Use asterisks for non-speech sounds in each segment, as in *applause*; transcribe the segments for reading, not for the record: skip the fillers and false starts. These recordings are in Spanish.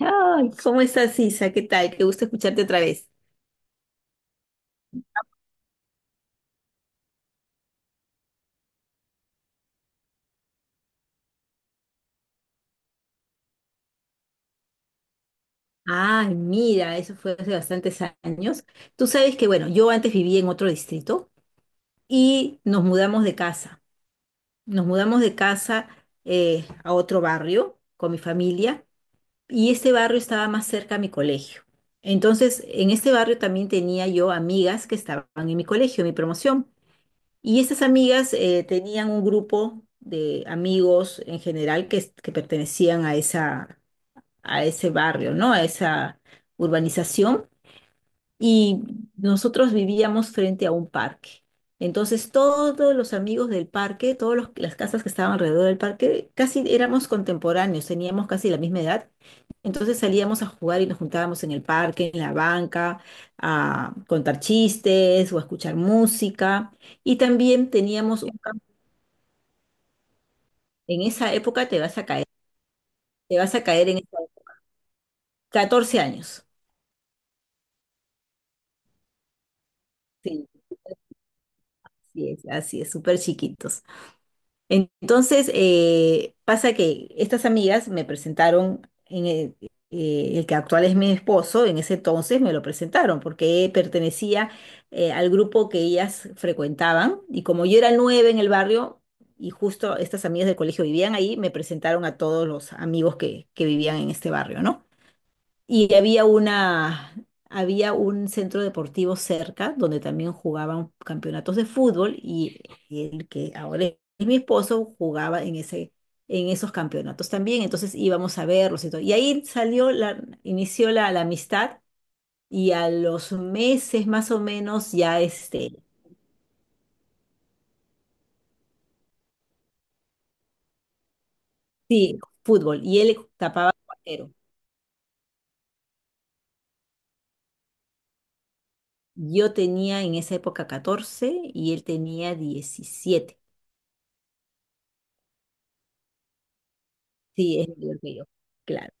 Ay, ¿cómo estás, Isa? ¿Qué tal? Qué gusto escucharte otra vez. Ay, mira, eso fue hace bastantes años. Tú sabes que, bueno, yo antes vivía en otro distrito y Nos mudamos de casa a otro barrio con mi familia, y este barrio estaba más cerca a mi colegio. Entonces, en este barrio también tenía yo amigas que estaban en mi colegio, en mi promoción. Y estas amigas tenían un grupo de amigos en general que pertenecían a esa a ese barrio, ¿no? A esa urbanización, y nosotros vivíamos frente a un parque. Entonces todos los amigos del parque, todas las casas que estaban alrededor del parque, casi éramos contemporáneos, teníamos casi la misma edad. Entonces salíamos a jugar y nos juntábamos en el parque, en la banca, a contar chistes o a escuchar música. Y también teníamos un campo- En esa época te vas a caer, te vas a caer en esa- 14 años. Sí. Así es, súper chiquitos. Entonces, pasa que estas amigas me presentaron en el que actual es mi esposo. En ese entonces me lo presentaron porque pertenecía al grupo que ellas frecuentaban, y como yo era nueve en el barrio y justo estas amigas del colegio vivían ahí, me presentaron a todos los amigos que vivían en este barrio, ¿no? Y había un centro deportivo cerca donde también jugaban campeonatos de fútbol, y el que ahora es mi esposo jugaba en esos campeonatos también. Entonces íbamos a verlos y todo. Y ahí inició la amistad, y a los meses más o menos ya este, sí, fútbol. Y él tapaba portero. Yo tenía en esa época 14 y él tenía 17. Sí, es mayor que yo. Claro.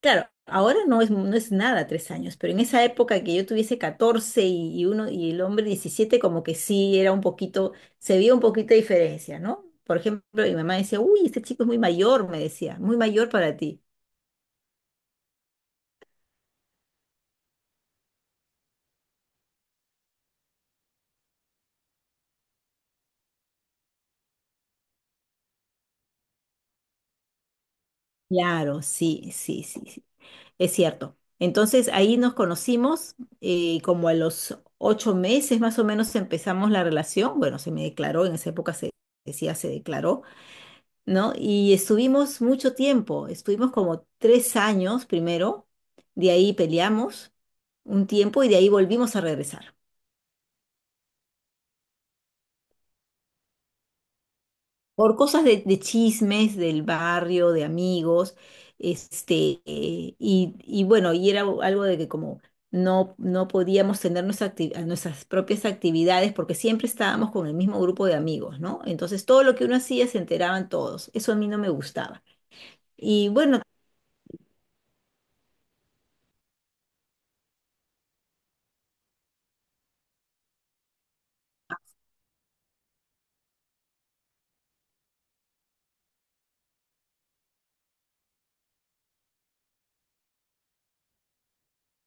Claro, ahora no es, nada 3 años, pero en esa época que yo tuviese 14 y uno y el hombre 17, como que sí era un poquito, se veía un poquito de diferencia, ¿no? Por ejemplo, mi mamá decía, uy, este chico es muy mayor, me decía, muy mayor para ti. Claro, sí, sí, sí, sí, es cierto. Entonces ahí nos conocimos, y como a los 8 meses más o menos empezamos la relación. Bueno, se me declaró, en esa época se decía, se declaró, ¿no? Y estuvimos mucho tiempo, estuvimos como 3 años primero, de ahí peleamos un tiempo y de ahí volvimos a regresar. Por cosas de, chismes del barrio, de amigos, este, y, bueno, y era algo de que como no, no podíamos tener nuestras propias actividades porque siempre estábamos con el mismo grupo de amigos, ¿no? Entonces todo lo que uno hacía se enteraban todos. Eso a mí no me gustaba. Y bueno,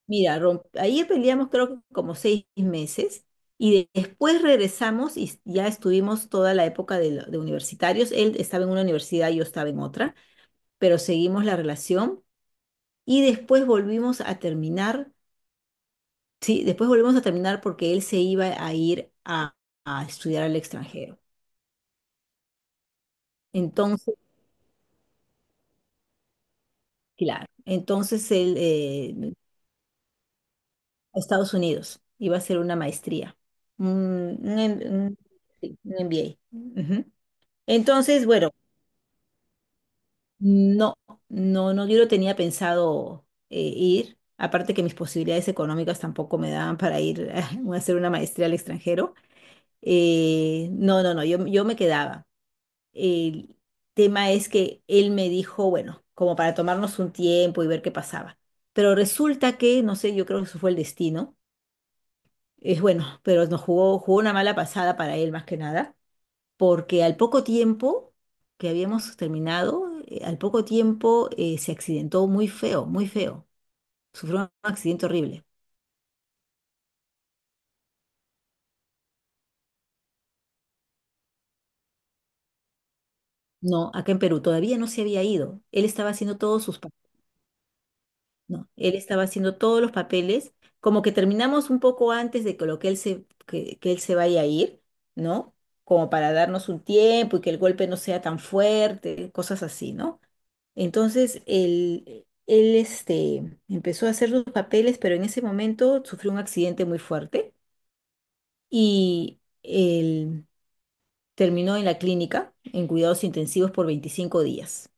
mira, ahí peleamos creo que como 6 meses y después regresamos y ya estuvimos toda la época de universitarios. Él estaba en una universidad, yo estaba en otra, pero seguimos la relación y después volvimos a terminar. Sí, después volvimos a terminar porque él se iba a ir a, estudiar al extranjero. Entonces, claro, entonces él, a Estados Unidos, iba a hacer una maestría, un, un, em- un- sí, un MBA. Ujú. Entonces, bueno. No, no, no, yo no tenía pensado ir. Aparte que mis posibilidades económicas tampoco me daban para ir *laughs* a hacer una maestría al extranjero. No, no, no, yo me quedaba. El tema es que él me dijo, bueno, como para tomarnos un tiempo y ver qué pasaba. Pero resulta que, no sé, yo creo que eso fue el destino. Es bueno, pero nos jugó una mala pasada, para él más que nada, porque al poco tiempo que habíamos terminado, al poco tiempo se accidentó muy feo, muy feo. Sufrió un accidente horrible. No, acá en Perú todavía no se había ido. Él estaba haciendo todos sus papeles. No, él estaba haciendo todos los papeles, como que terminamos un poco antes de que lo que que él se vaya a ir, ¿no? Como para darnos un tiempo y que el golpe no sea tan fuerte, cosas así, ¿no? Entonces, él este, empezó a hacer sus papeles, pero en ese momento sufrió un accidente muy fuerte, y él terminó en la clínica en cuidados intensivos por 25 días.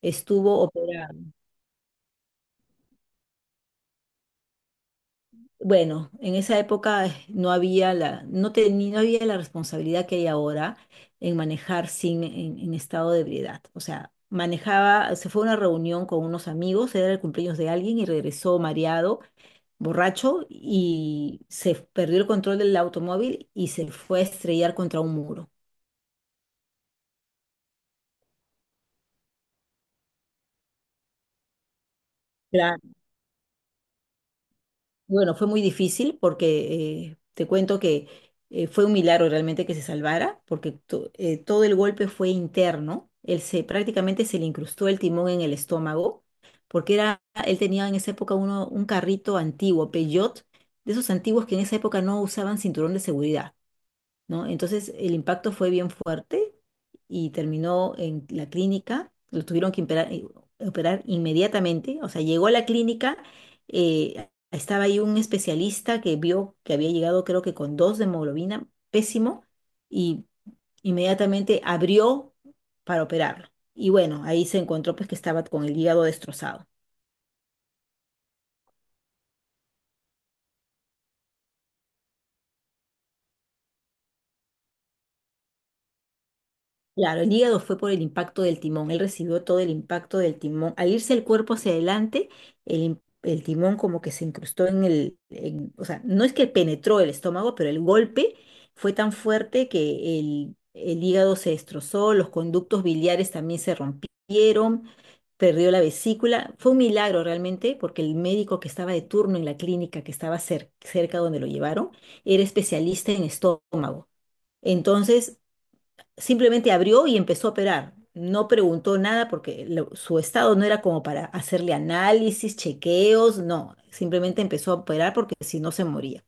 Estuvo operado. Bueno, en esa época no había la, no había la responsabilidad que hay ahora en manejar sin, en estado de ebriedad. O sea, manejaba, se fue a una reunión con unos amigos, era el cumpleaños de alguien y regresó mareado, borracho, y se perdió el control del automóvil y se fue a estrellar contra un muro. Claro. Bueno, fue muy difícil porque te cuento que fue un milagro realmente que se salvara, porque todo el golpe fue interno. Él se prácticamente se le incrustó el timón en el estómago, porque era, él tenía en esa época un carrito antiguo, Peugeot, de esos antiguos que en esa época no usaban cinturón de seguridad, ¿no? Entonces el impacto fue bien fuerte y terminó en la clínica. Lo tuvieron que operar inmediatamente, o sea, llegó a la clínica, estaba ahí un especialista que vio que había llegado creo que con 2 de hemoglobina, pésimo, y inmediatamente abrió para operarlo. Y bueno, ahí se encontró pues que estaba con el hígado destrozado. Claro, el hígado fue por el impacto del timón. Él recibió todo el impacto del timón. Al irse el cuerpo hacia adelante, el timón como que se incrustó en o sea, no es que penetró el estómago, pero el golpe fue tan fuerte que el hígado se destrozó, los conductos biliares también se rompieron, perdió la vesícula. Fue un milagro realmente porque el médico que estaba de turno en la clínica, que estaba cerca donde lo llevaron, era especialista en estómago. Entonces, simplemente abrió y empezó a operar. No preguntó nada porque su estado no era como para hacerle análisis, chequeos, no. Simplemente empezó a operar porque si no se moría.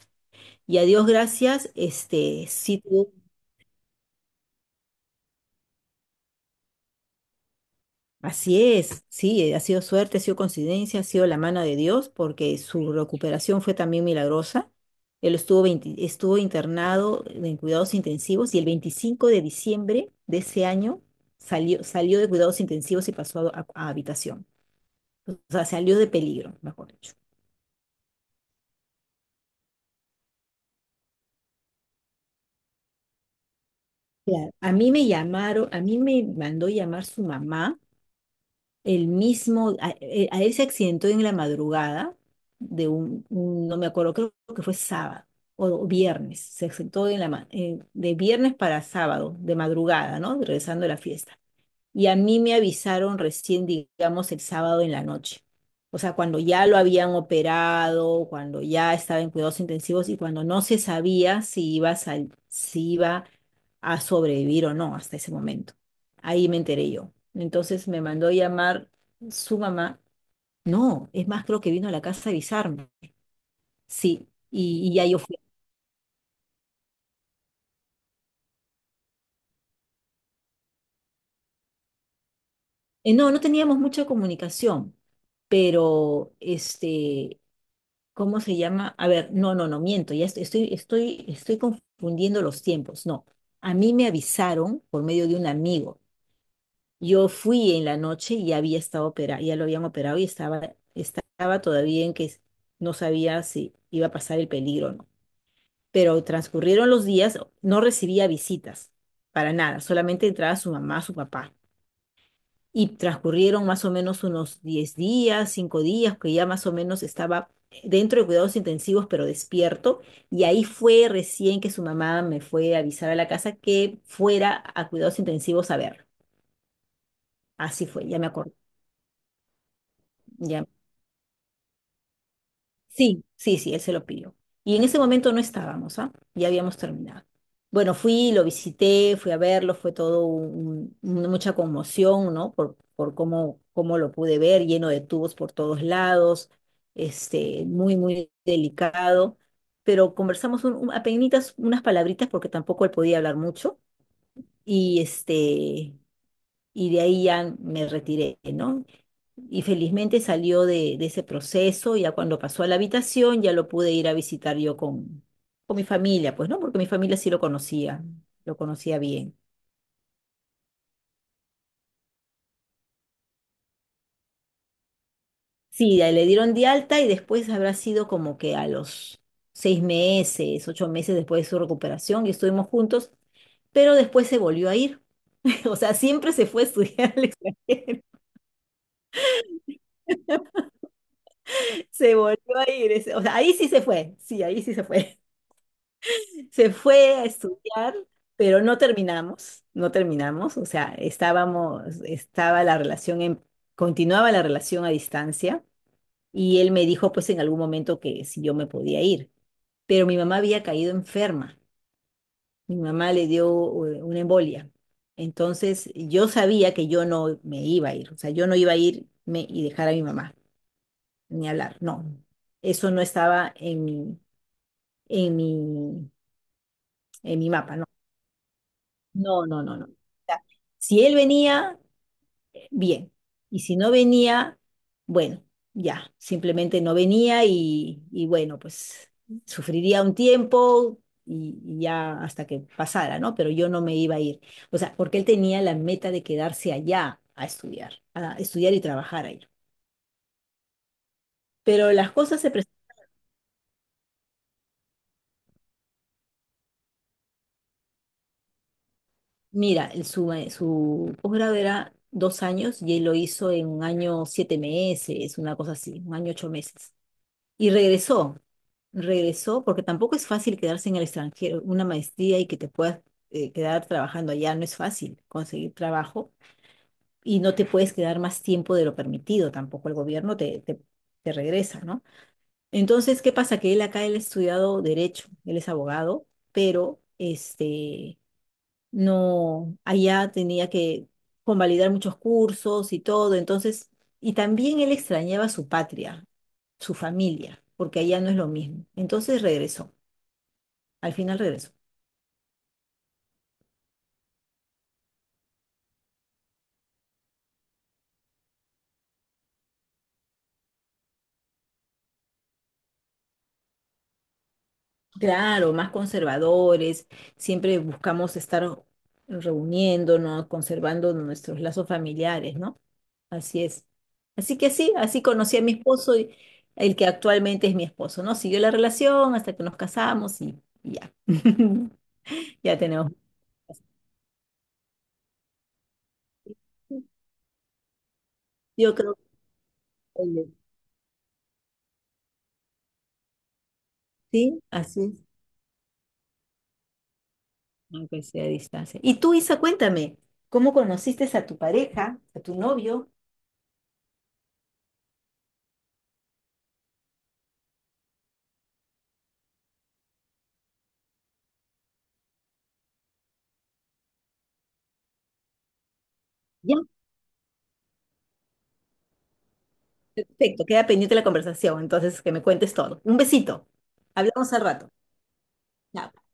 Y a Dios gracias, este, sí tuvo-. Así es, sí, ha sido suerte, ha sido coincidencia, ha sido la mano de Dios, porque su recuperación fue también milagrosa. Él estuvo, 20 estuvo internado en cuidados intensivos, y el 25 de diciembre de ese año salió, de cuidados intensivos y pasó a habitación. O sea, salió de peligro, mejor dicho. Claro. A mí me llamaron, a mí me mandó llamar su mamá, el mismo, a él se accidentó en la madrugada de un, no me acuerdo, creo que fue sábado o viernes. Se accidentó en la, de viernes para sábado, de madrugada, ¿no? Regresando a la fiesta. Y a mí me avisaron recién, digamos, el sábado en la noche. O sea, cuando ya lo habían operado, cuando ya estaba en cuidados intensivos y cuando no se sabía si iba a, si iba a sobrevivir o no hasta ese momento. Ahí me enteré yo. Entonces me mandó a llamar su mamá. No, es más, creo que vino a la casa a avisarme. Sí, y, ya yo fui. No, no teníamos mucha comunicación, pero este, ¿cómo se llama? A ver, no, no, no, miento, ya estoy confundiendo los tiempos. No, a mí me avisaron por medio de un amigo. Yo fui en la noche y había estado operado, ya lo habían operado, y estaba todavía en que no sabía si iba a pasar el peligro o no. Pero transcurrieron los días, no recibía visitas para nada, solamente entraba su mamá, su papá. Y transcurrieron más o menos unos 10 días, 5 días, que ya más o menos estaba dentro de cuidados intensivos, pero despierto. Y ahí fue recién que su mamá me fue a avisar a la casa que fuera a cuidados intensivos a ver. Así fue, ya me acuerdo. Sí, sí, sí, él se lo pidió. Y en ese momento no estábamos, ¿ah? Ya habíamos terminado. Bueno, fui, lo visité, fui a verlo, fue todo mucha conmoción, ¿no? Por cómo lo pude ver, lleno de tubos por todos lados, este, muy, muy delicado. Pero conversamos apenitas unas palabritas, porque tampoco él podía hablar mucho. Y este, y de ahí ya me retiré, ¿no? Y felizmente salió de ese proceso, ya cuando pasó a la habitación ya lo pude ir a visitar yo con mi familia, pues, ¿no? Porque mi familia sí lo conocía bien. Sí, ya le dieron de alta y después habrá sido como que a los 6 meses, 8 meses después de su recuperación, y estuvimos juntos, pero después se volvió a ir. *laughs* O sea, siempre se fue a estudiar al extranjero. *laughs* Se volvió a ir. O sea, ahí sí se fue. Sí, ahí sí se fue. Se fue a estudiar, pero no terminamos, o sea, estábamos, estaba la relación en, continuaba la relación a distancia, y él me dijo pues en algún momento que si yo me podía ir, pero mi mamá había caído enferma, mi mamá le dio una embolia. Entonces yo sabía que yo no me iba a ir, o sea, yo no iba a irme y dejar a mi mamá, ni hablar, no, eso no estaba en mi, en mi, en mi, mapa, ¿no? No, no, no, no. Ya. Si él venía, bien. Y si no venía, bueno, ya, simplemente no venía, y, bueno, pues sufriría un tiempo, y ya hasta que pasara, ¿no? Pero yo no me iba a ir. O sea, porque él tenía la meta de quedarse allá a estudiar y trabajar allá. Pero las cosas se presentaron. Mira, su posgrado era 2 años y él lo hizo en un año 7 meses, una cosa así, un año 8 meses. Y regresó. Regresó, porque tampoco es fácil quedarse en el extranjero, una maestría y que te puedas quedar trabajando allá, no es fácil conseguir trabajo, y no te puedes quedar más tiempo de lo permitido, tampoco el gobierno te, regresa, ¿no? Entonces, ¿qué pasa? Que él acá, él ha estudiado derecho, él es abogado, pero este, no, allá tenía que convalidar muchos cursos y todo, entonces, y también él extrañaba su patria, su familia, porque allá no es lo mismo. Entonces regresó. Al final regreso. Claro, más conservadores, siempre buscamos estar reuniéndonos, conservando nuestros lazos familiares, ¿no? Así es. Así que sí, así conocí a mi esposo, el que actualmente es mi esposo, ¿no? Siguió la relación hasta que nos casamos, y, ya. *laughs* Ya tenemos. Yo creo que sí, así es, aunque sea a distancia. Y tú, Isa, cuéntame, ¿cómo conociste a tu pareja, a tu novio? Perfecto, queda pendiente la conversación, entonces que me cuentes todo. Un besito. Hablamos al rato. Chao.